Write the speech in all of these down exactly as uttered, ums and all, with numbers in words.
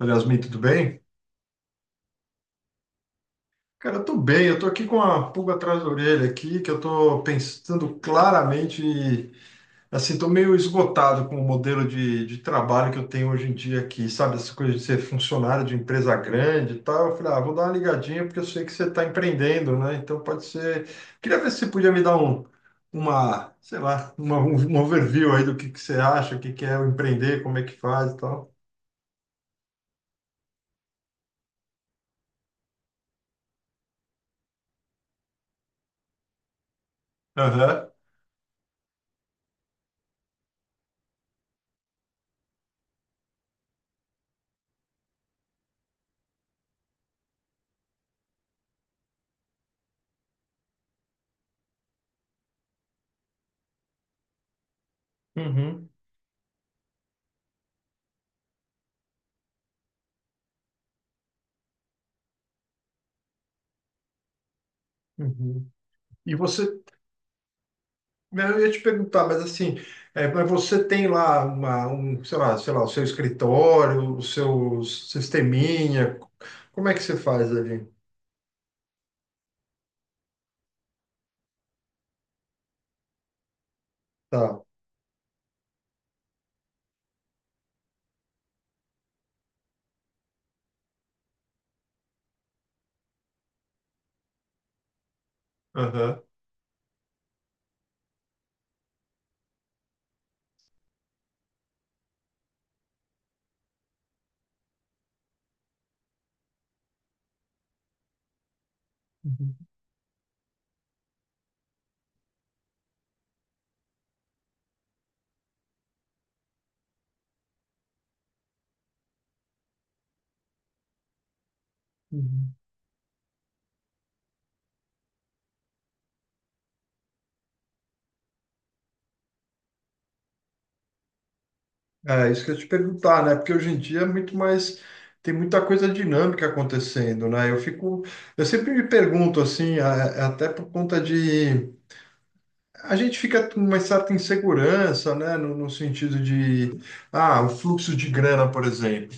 Olha, Yasmin, tudo bem? Cara, eu tô bem, eu tô aqui com a pulga atrás da orelha aqui, que eu tô pensando claramente, e, assim, tô meio esgotado com o modelo de, de trabalho que eu tenho hoje em dia aqui, sabe? Essa coisa de ser funcionário de empresa grande e tal. Eu falei, ah, vou dar uma ligadinha porque eu sei que você tá empreendendo, né? Então pode ser. Queria ver se você podia me dar um, uma, sei lá, uma, um um overview aí do que que você acha, o que que é o empreender, como é que faz e tal. Aham. Uhum. Uhum. E você Eu ia te perguntar, mas assim, é, mas você tem lá uma, um, sei lá, sei lá, o seu escritório, o seu sisteminha, como é que você faz ali? Tá. Aham. Uhum, uhum. É isso que eu ia te perguntar, né? Porque hoje em dia é muito mais, tem muita coisa dinâmica acontecendo, né? Eu fico, eu sempre me pergunto assim, a- até por conta de, a gente fica com uma certa insegurança, né? No, no sentido de, ah, o fluxo de grana, por exemplo.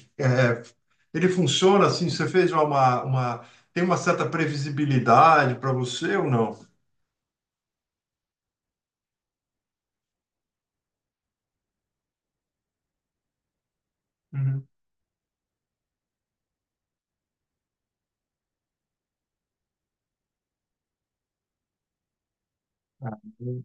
Ele funciona assim? Você fez uma, uma, tem uma certa previsibilidade para você ou não? Uhum. Ah, eu-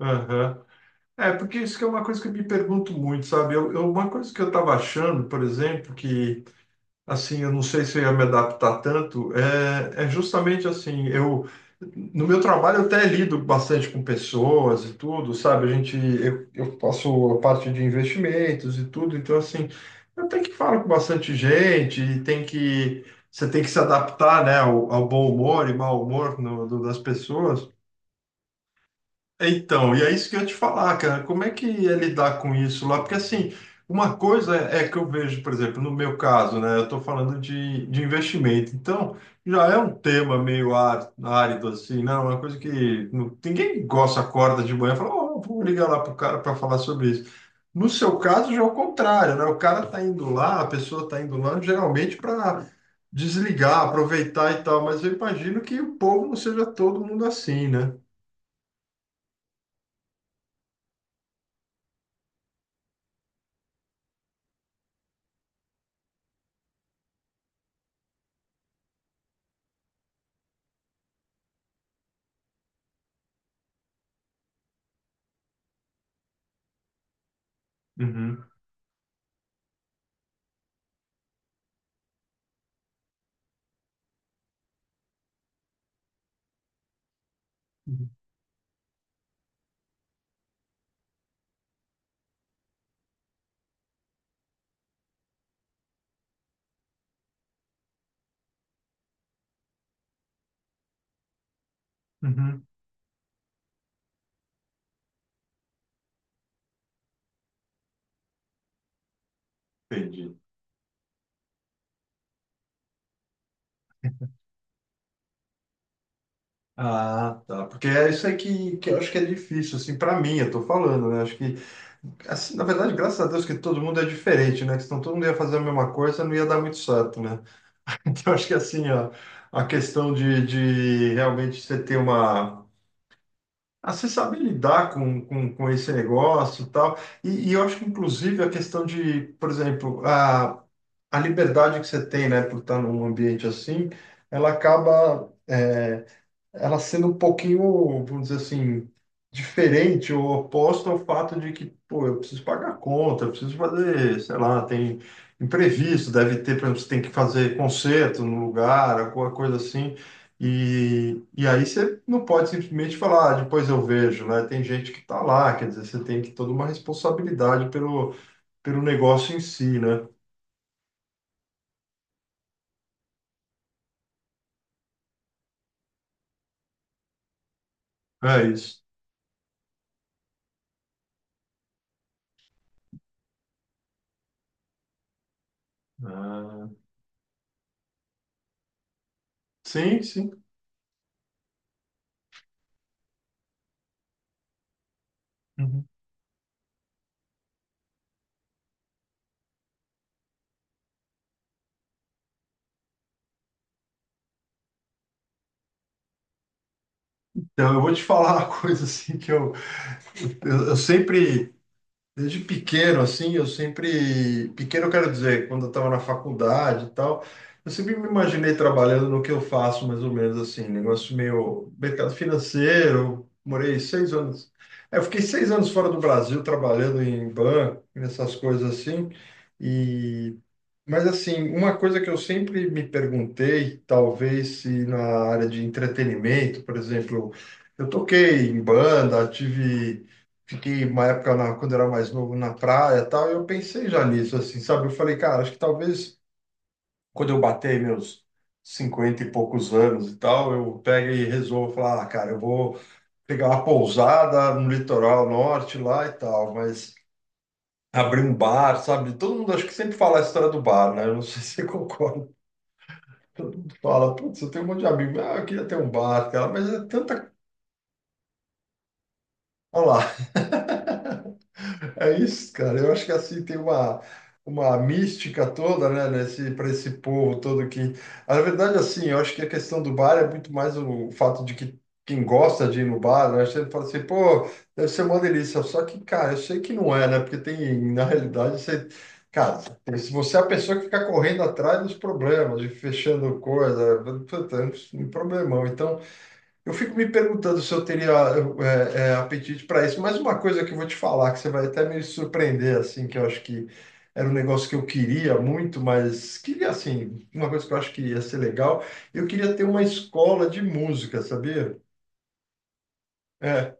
aham. É, porque isso que é uma coisa que eu me pergunto muito, sabe? Eu, eu- uma coisa que eu estava achando, por exemplo, que assim, eu não sei se eu ia me adaptar tanto, é, é justamente assim, eu no meu trabalho eu até lido bastante com pessoas e tudo, sabe? A gente eu, eu faço a parte de investimentos e tudo, então assim, eu tenho que falar com bastante gente e tem que você tem que se adaptar, né, ao, ao bom humor e mau humor no- do- das pessoas. Então, e é isso que eu ia te falar, cara. Como é que é lidar com isso lá? Porque, assim, uma coisa é que eu vejo, por exemplo, no meu caso, né? Eu estou falando de, de investimento. Então, já é um tema meio á- árido, assim, né? Uma coisa que não- ninguém gosta, acorda de manhã e fala, oh, vou ligar lá para o cara para falar sobre isso. No seu caso, já é o contrário, né? O cara está indo lá, a pessoa está indo lá, geralmente para desligar, aproveitar e tal. Mas eu imagino que o povo não seja todo mundo assim, né? Uhum. Uhum, entendi. Ah, tá. Porque é isso aí que, que eu acho que é difícil, assim, para mim, eu tô falando, né? Acho que, assim, na verdade, graças a Deus que todo mundo é diferente, né? Que senão todo mundo ia fazer a mesma coisa, não ia dar muito certo, né? Então, acho que, assim, ó, a questão de, de realmente você ter uma. Ah, você saber lidar com, com, com esse negócio e tal. E, e eu acho que, inclusive, a questão de, por exemplo, a, a liberdade que você tem, né, por estar num ambiente assim, ela acaba. É, ela sendo um pouquinho, vamos dizer assim, diferente ou oposta ao fato de que, pô, eu preciso pagar a conta, eu preciso fazer, sei lá, tem imprevisto, deve ter, por exemplo, você tem que fazer concerto no lugar, alguma coisa assim. E, e aí você não pode simplesmente falar, "Ah, depois eu vejo, né? Tem gente que tá lá, quer dizer, você tem que toda uma responsabilidade pelo, pelo negócio em si, né? É isso. Ah, sim, sim. Uhum. Então, eu vou te falar uma coisa assim que eu, eu, eu sempre Desde pequeno, assim, eu sempre. Pequeno, eu quero dizer, quando eu estava na faculdade e tal, eu sempre me imaginei trabalhando no que eu faço, mais ou menos assim, negócio meio mercado financeiro. Morei seis anos. é, Eu fiquei seis anos fora do Brasil trabalhando em banco, nessas coisas assim. e mas assim, uma coisa que eu sempre me perguntei, talvez se na área de entretenimento, por exemplo, eu toquei em banda, tive, fiquei uma época na- quando eu era mais novo na praia, e tal, e eu pensei já nisso, assim, sabe? Eu falei, cara, acho que talvez quando eu bater meus cinquenta e poucos anos e tal, eu pego e resolvo falar, ah, cara, eu vou pegar uma pousada no litoral norte lá e tal, mas abrir um bar, sabe? Todo mundo acho que sempre fala a história do bar, né? Eu não sei se você concorda. Todo mundo fala, putz, eu tenho um monte de amigo, ah, eu queria ter um bar, cara, mas é tanta. Olha lá, é isso, cara. Eu acho que assim tem uma, uma mística toda, né, nesse, para esse povo todo que. Na verdade, assim, eu acho que a questão do bar é muito mais o fato de que quem gosta de ir no bar, né, sempre fala assim, pô, deve ser uma delícia. Só que, cara, eu sei que não é, né, porque tem, na realidade, você. Cara, tem- se você é a pessoa que fica correndo atrás dos problemas, de fechando coisa, puta, é um problemão. Então. Eu fico me perguntando se eu teria é, é, apetite para isso, mas uma coisa que eu vou te falar, que você vai até me surpreender, assim, que eu acho que era um negócio que eu queria muito, mas queria, assim, uma coisa que eu acho que ia ser legal, eu queria ter uma escola de música, sabia? É,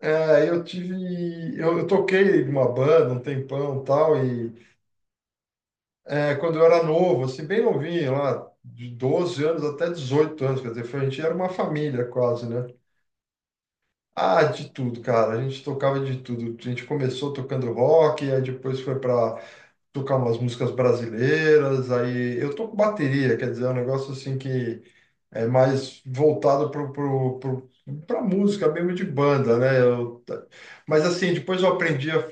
é, eu tive, eu, eu toquei numa banda um tempão e tal, e é, quando eu era novo, assim, bem novinho, lá de doze anos até dezoito anos, quer dizer, foi- a gente era uma família quase, né? Ah, de tudo, cara. A gente tocava de tudo. A gente começou tocando rock, aí depois foi para tocar umas músicas brasileiras. Aí eu toco bateria, quer dizer, é um negócio assim que é mais voltado pro, pro, pro, pra música mesmo de banda, né? Eu- mas assim, depois eu aprendi a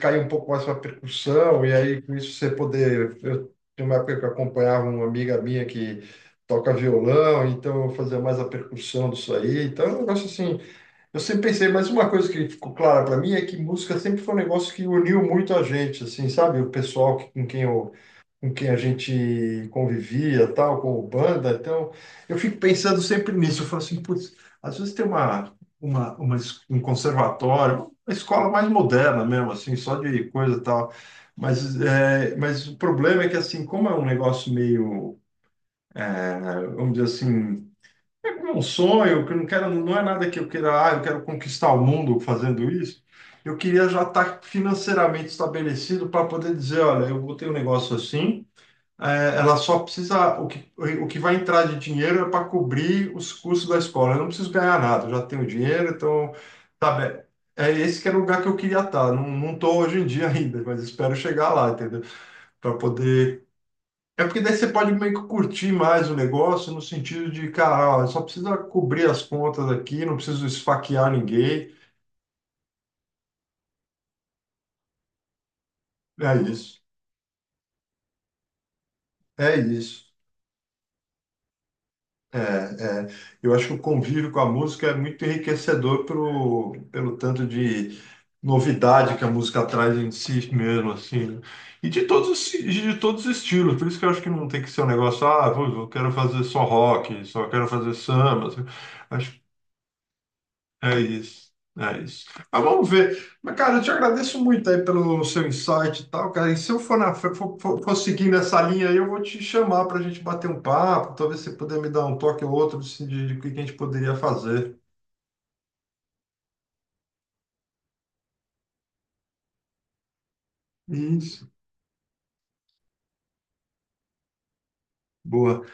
cair um pouco mais para percussão, e aí com isso você poder. Eu, tinha uma época que eu acompanhava uma amiga minha que toca violão, então eu fazia mais a percussão disso aí. Então é um negócio assim. Eu sempre pensei, mas uma coisa que ficou clara para mim é que música sempre foi um negócio que uniu muito a gente, assim, sabe? O pessoal que, com quem eu, com quem a gente convivia, tal, com o banda. Então, eu fico pensando sempre nisso. Eu falo assim, putz, às vezes tem uma, uma, uma es- um conservatório, uma escola mais moderna mesmo, assim, só de coisa e tal. Mas, é, mas o problema é que, assim, como é um negócio meio, vamos dizer assim, é um sonho, que eu não quero, não é nada que eu queira, ah, eu quero conquistar o mundo fazendo isso. Eu queria já estar financeiramente estabelecido para poder dizer, olha, eu botei um negócio assim, eh, ela só precisa, o que, o que vai entrar de dinheiro é para cobrir os custos da escola. Eu não preciso ganhar nada, eu já tenho dinheiro, então, sabe, é é esse que era o lugar que eu queria estar. Não, não estou hoje em dia ainda, mas espero chegar lá, entendeu? Para poder é porque daí você pode meio que curtir mais o negócio no sentido de, cara, ó, só precisa cobrir as contas aqui, não preciso esfaquear ninguém. É isso, é isso. É, é. Eu acho que o convívio com a música é muito enriquecedor pelo, pelo tanto de novidade que a música traz em si mesmo, assim, né? E de todos, os- si, de todos os estilos. Por isso que eu acho que não tem que ser um negócio, ah, vou- eu quero fazer só rock, só quero fazer samba, assim. Acho É isso, é isso. Mas vamos ver. Mas, cara, eu te agradeço muito aí pelo seu insight e tal, cara. E se eu for, na, for, for, for seguir nessa linha aí, eu vou te chamar para a gente bater um papo, talvez você puder me dar um toque ou outro assim, de, de o que a gente poderia fazer. Isso. Boa.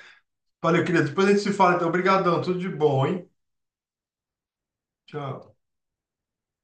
Valeu, querido. Depois a gente se fala, então. Obrigadão. Tudo de bom, hein? Tchau.